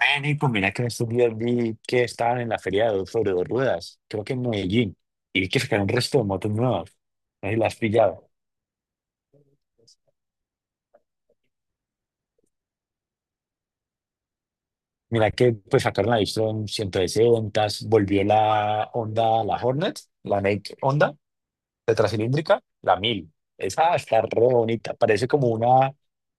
Nico, mira que en estos días vi que estaban en la feria de Dos Sobre Dos Ruedas, creo que en Medellín, y vi que sacaron un resto de motos nuevas. No sé si las has pillado. Mira que pues sacaron la Vision 160, volvió la Honda, la Hornet, la Naked Honda, tetracilíndrica, la mil. Esa está re bonita, parece como una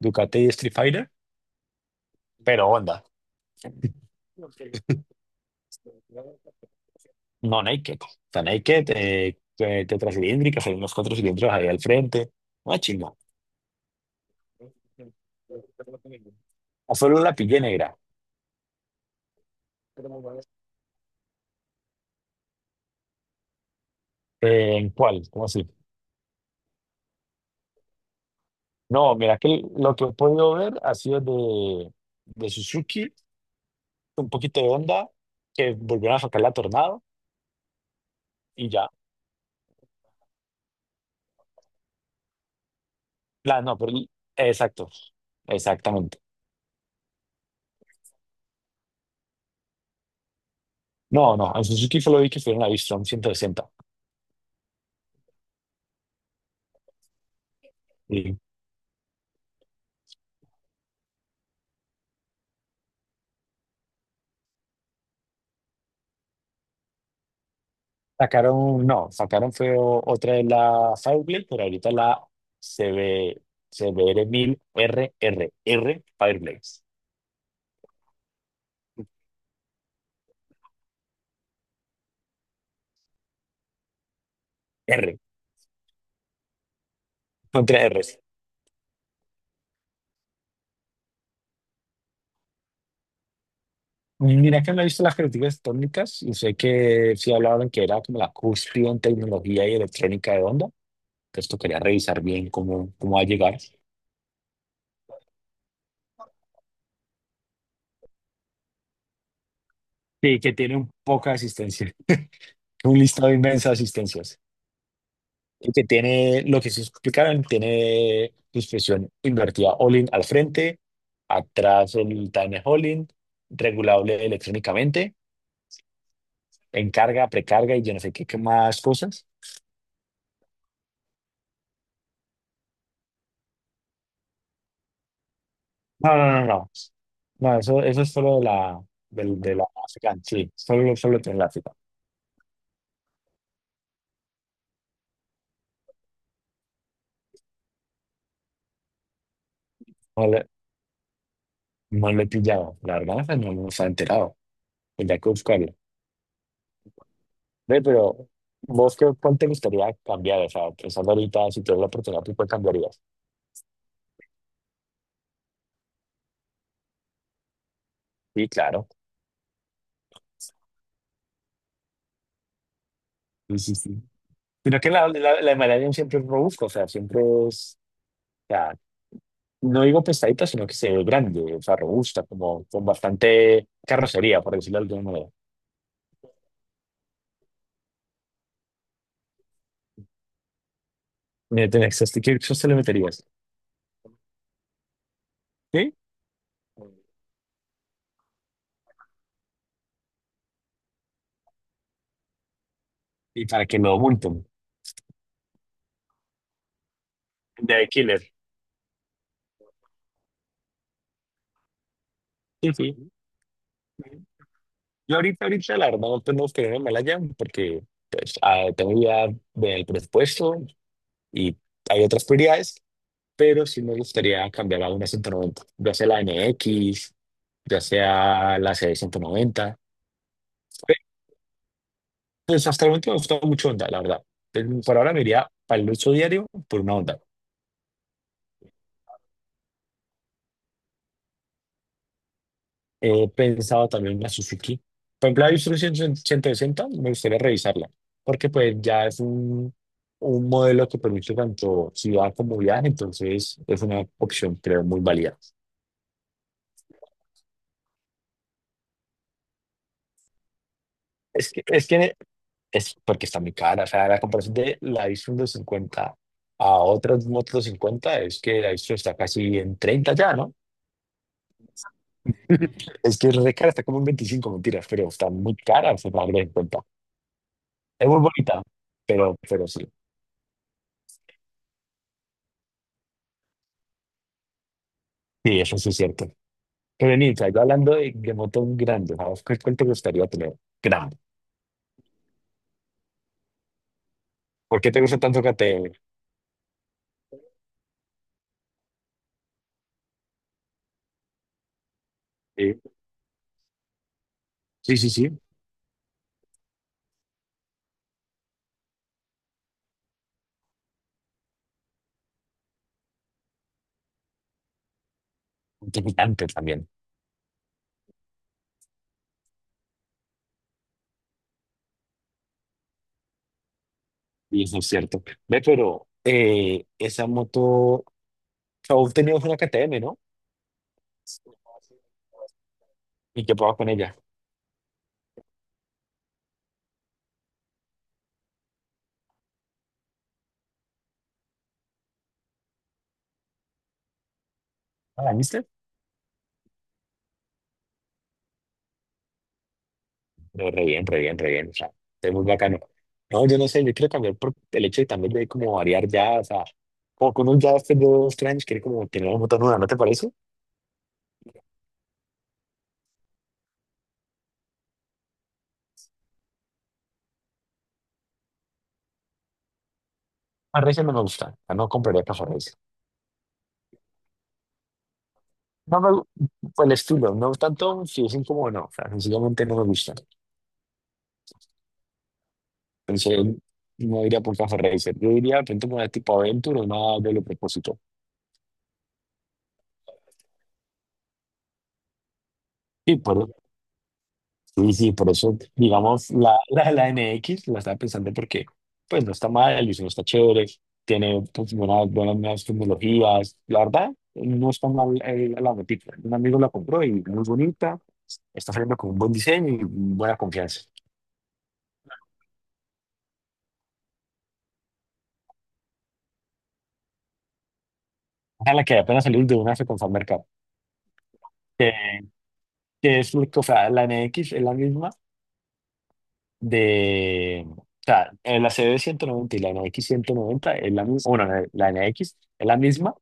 Ducati Street Fighter, pero Honda. No Naked, está Naked, tetracilíndrica, hay unos cuatro cilindros ahí al frente. Una chimba. O solo la pillé negra. ¿En cuál? ¿Cómo así? No, mira que lo que he podido ver ha sido de Suzuki, un poquito de Honda, que volvieron a sacar la Tornado y ya. La, no, pero exacto, exactamente. No, no, en Suzuki solo vi que fueron la V-Strom 160. Y sacaron, no, sacaron fue otra de la Fireblade, pero ahorita la C C B C B R CB, R R rrr Fireblades. No tiene R's. Mira que me he visto las críticas técnicas y sé que sí hablaban que era como la cúspide en tecnología y electrónica de onda. Entonces tocaría revisar bien cómo va a llegar. Sí, que tiene un poca asistencia, un listado inmenso de asistencias. Y que tiene, lo que se explicaron, tiene suspensión invertida all-in al frente, atrás el time all regulable electrónicamente, en carga, precarga y yo no sé qué, qué más cosas. No, no, no, no. No, no, eso es solo de la, del de la África, sí, solo tiene la África. No le, no le he pillado, la verdad, esa no nos ha enterado. Tendría que buscarlo. Ve, pero vos, qué, ¿cuál te gustaría cambiar? O sea, pensando ahorita, si tuvieras la oportunidad, ¿tú cuál cambiarías? Sí, claro. Sí, sí, sí. Sino que la de Malasia siempre es robusta, o sea, siempre es, o sea, no digo pesadita, sino que se ve grande, o sea, robusta, como con bastante carrocería, por decirlo de alguna manera. Mira, tenés, este, ¿qué se le meterías? ¿Sí? Y para que no multen. De Killer. Sí, sí. Yo ahorita, la verdad, no tengo que me la llamo porque pues, tengo ya del presupuesto y hay otras prioridades, pero sí me gustaría cambiar a una 190, ya sea la NX, ya sea la C190. Pues hasta el momento me ha gustado mucho Honda, la verdad. Entonces, por ahora me iría para el uso diario por una Honda. He pensado también en la Suzuki. Por ejemplo, la Isuzu 160 me gustaría revisarla, porque pues ya es un modelo que permite tanto ciudad como viaje, entonces es una opción, creo, muy válida. Es que es porque está muy cara, o sea, la comparación de la Isuzu 50 a otras motos 50 es que la Isuzu está casi en 30 ya, ¿no? Es que es re cara, está como en 25, mentiras, pero está muy cara, o sea, para darle en cuenta. Es muy bonita, pero sí, sí, eso sí es cierto. Renita, yo hablando de motos grandes, ¿a vos cuál te gustaría tener? Grande. ¿Por qué te gusta tanto KTM? Sí, sí, sí, sí. Gigante también. Y eso es cierto. Ve, pero esa moto, aún tenías una KTM, ¿no? ¿Y qué pasa con ella? ¿Ah, La viste? No, re bien, re bien, re bien. O sea, es muy bacano. No, yo no sé, yo quiero cambiar por el hecho de también de como variar ya, o sea, como con un ya hace dos, tres años, quiere como tener una moto nueva, ¿no te parece? A Racer no me gusta, o sea, no compraría para. No me, gu- Por el estilo, no tanto si es incómodo o no, o sea, sencillamente no me gusta. Pensé, no iría por Café Racer, yo iría de pronto por una tipo Aventure o una doble propósito. Sí, por, sí, sí, por eso, digamos, la N X la estaba pensando porque, pues, no está mal, el diseño está chévere, tiene pues, buenas nuevas tecnologías, la verdad, no está mal la botica. Un amigo la compró y muy bonita, está saliendo con un buen diseño y buena confianza. Ojalá que apenas salir de una se con Fan Mercado. Que es, o sea, la N X es la misma de, o sea, la CB 190 y la N X 190 es la misma, bueno, la N X es la misma,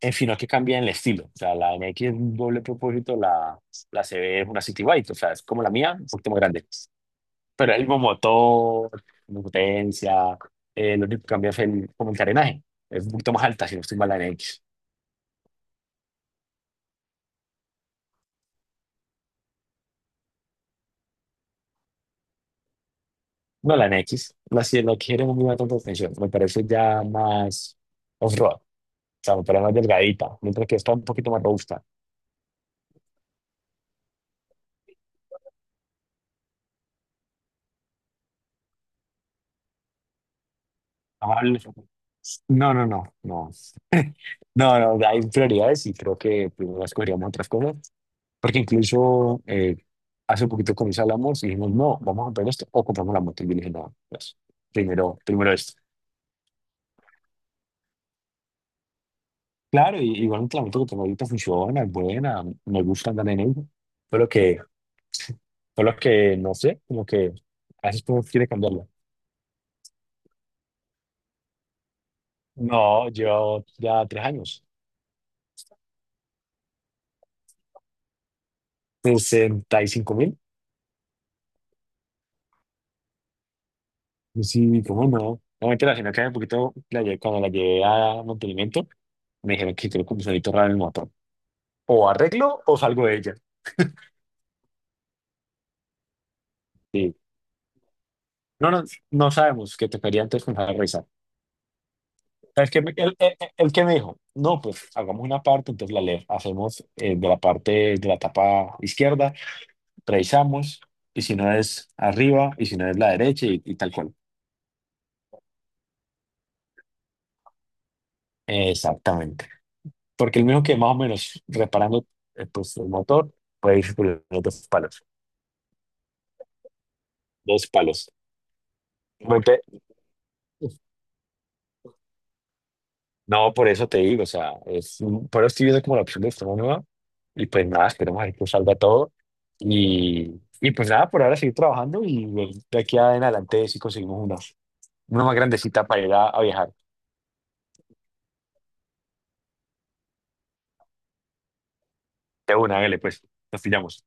en fin, no que cambia el estilo, o sea, la N X es un doble propósito, la, C CB es una City Bike, o sea, es como la mía, un poquito más grande, pero el mismo motor, misma potencia, lo único que cambia es el, como el carenaje, es un poquito más alta, si no estoy mal, la N X. No, la N NX, la, la que era muy buena tanta atención, me parece ya más off-road. Claro, pero más delgadita, mientras que esta un poquito más robusta. Amable. No, no, no, no. No, no, hay prioridades y creo que primero escogeríamos otras cosas, porque incluso hace poquito con mis hablamos y dijimos, no, vamos a comprar esto o compramos la moto. Y yo le dije, no, pues, primero esto. Claro, y igualmente la moto que tengo ahorita funciona, es buena, me gusta andar en ella, pero que, solo que, no sé, como que a veces uno quiere cambiarla. No, llevo ya 3 años, 65.000. Sí, cómo no. Obviamente la señora que hace poquito, cuando la llevé a mantenimiento, me dijeron que creo que un sonito raro en el motor. O arreglo o salgo de ella. Sí. No, no, no sabemos que tocaría antes comenzar a revisar. ¿Sabes qué me-? El que me dijo, no, pues hagamos una parte, entonces la le hacemos de la parte de la tapa izquierda, revisamos, y si no es arriba, y si no es la derecha, y tal cual. Exactamente. Porque el mismo que más o menos reparando pues, el motor, puede ir por los dos palos. Dos palos. Me pe-. No, por eso te digo, o sea, es, pero estoy viendo como la opción de esta nueva y pues nada, esperemos a ver que salga todo y, y pues nada, por ahora seguir trabajando y de aquí en adelante sí conseguimos una, más grandecita para ir a viajar. De una, hágale pues, nos pillamos.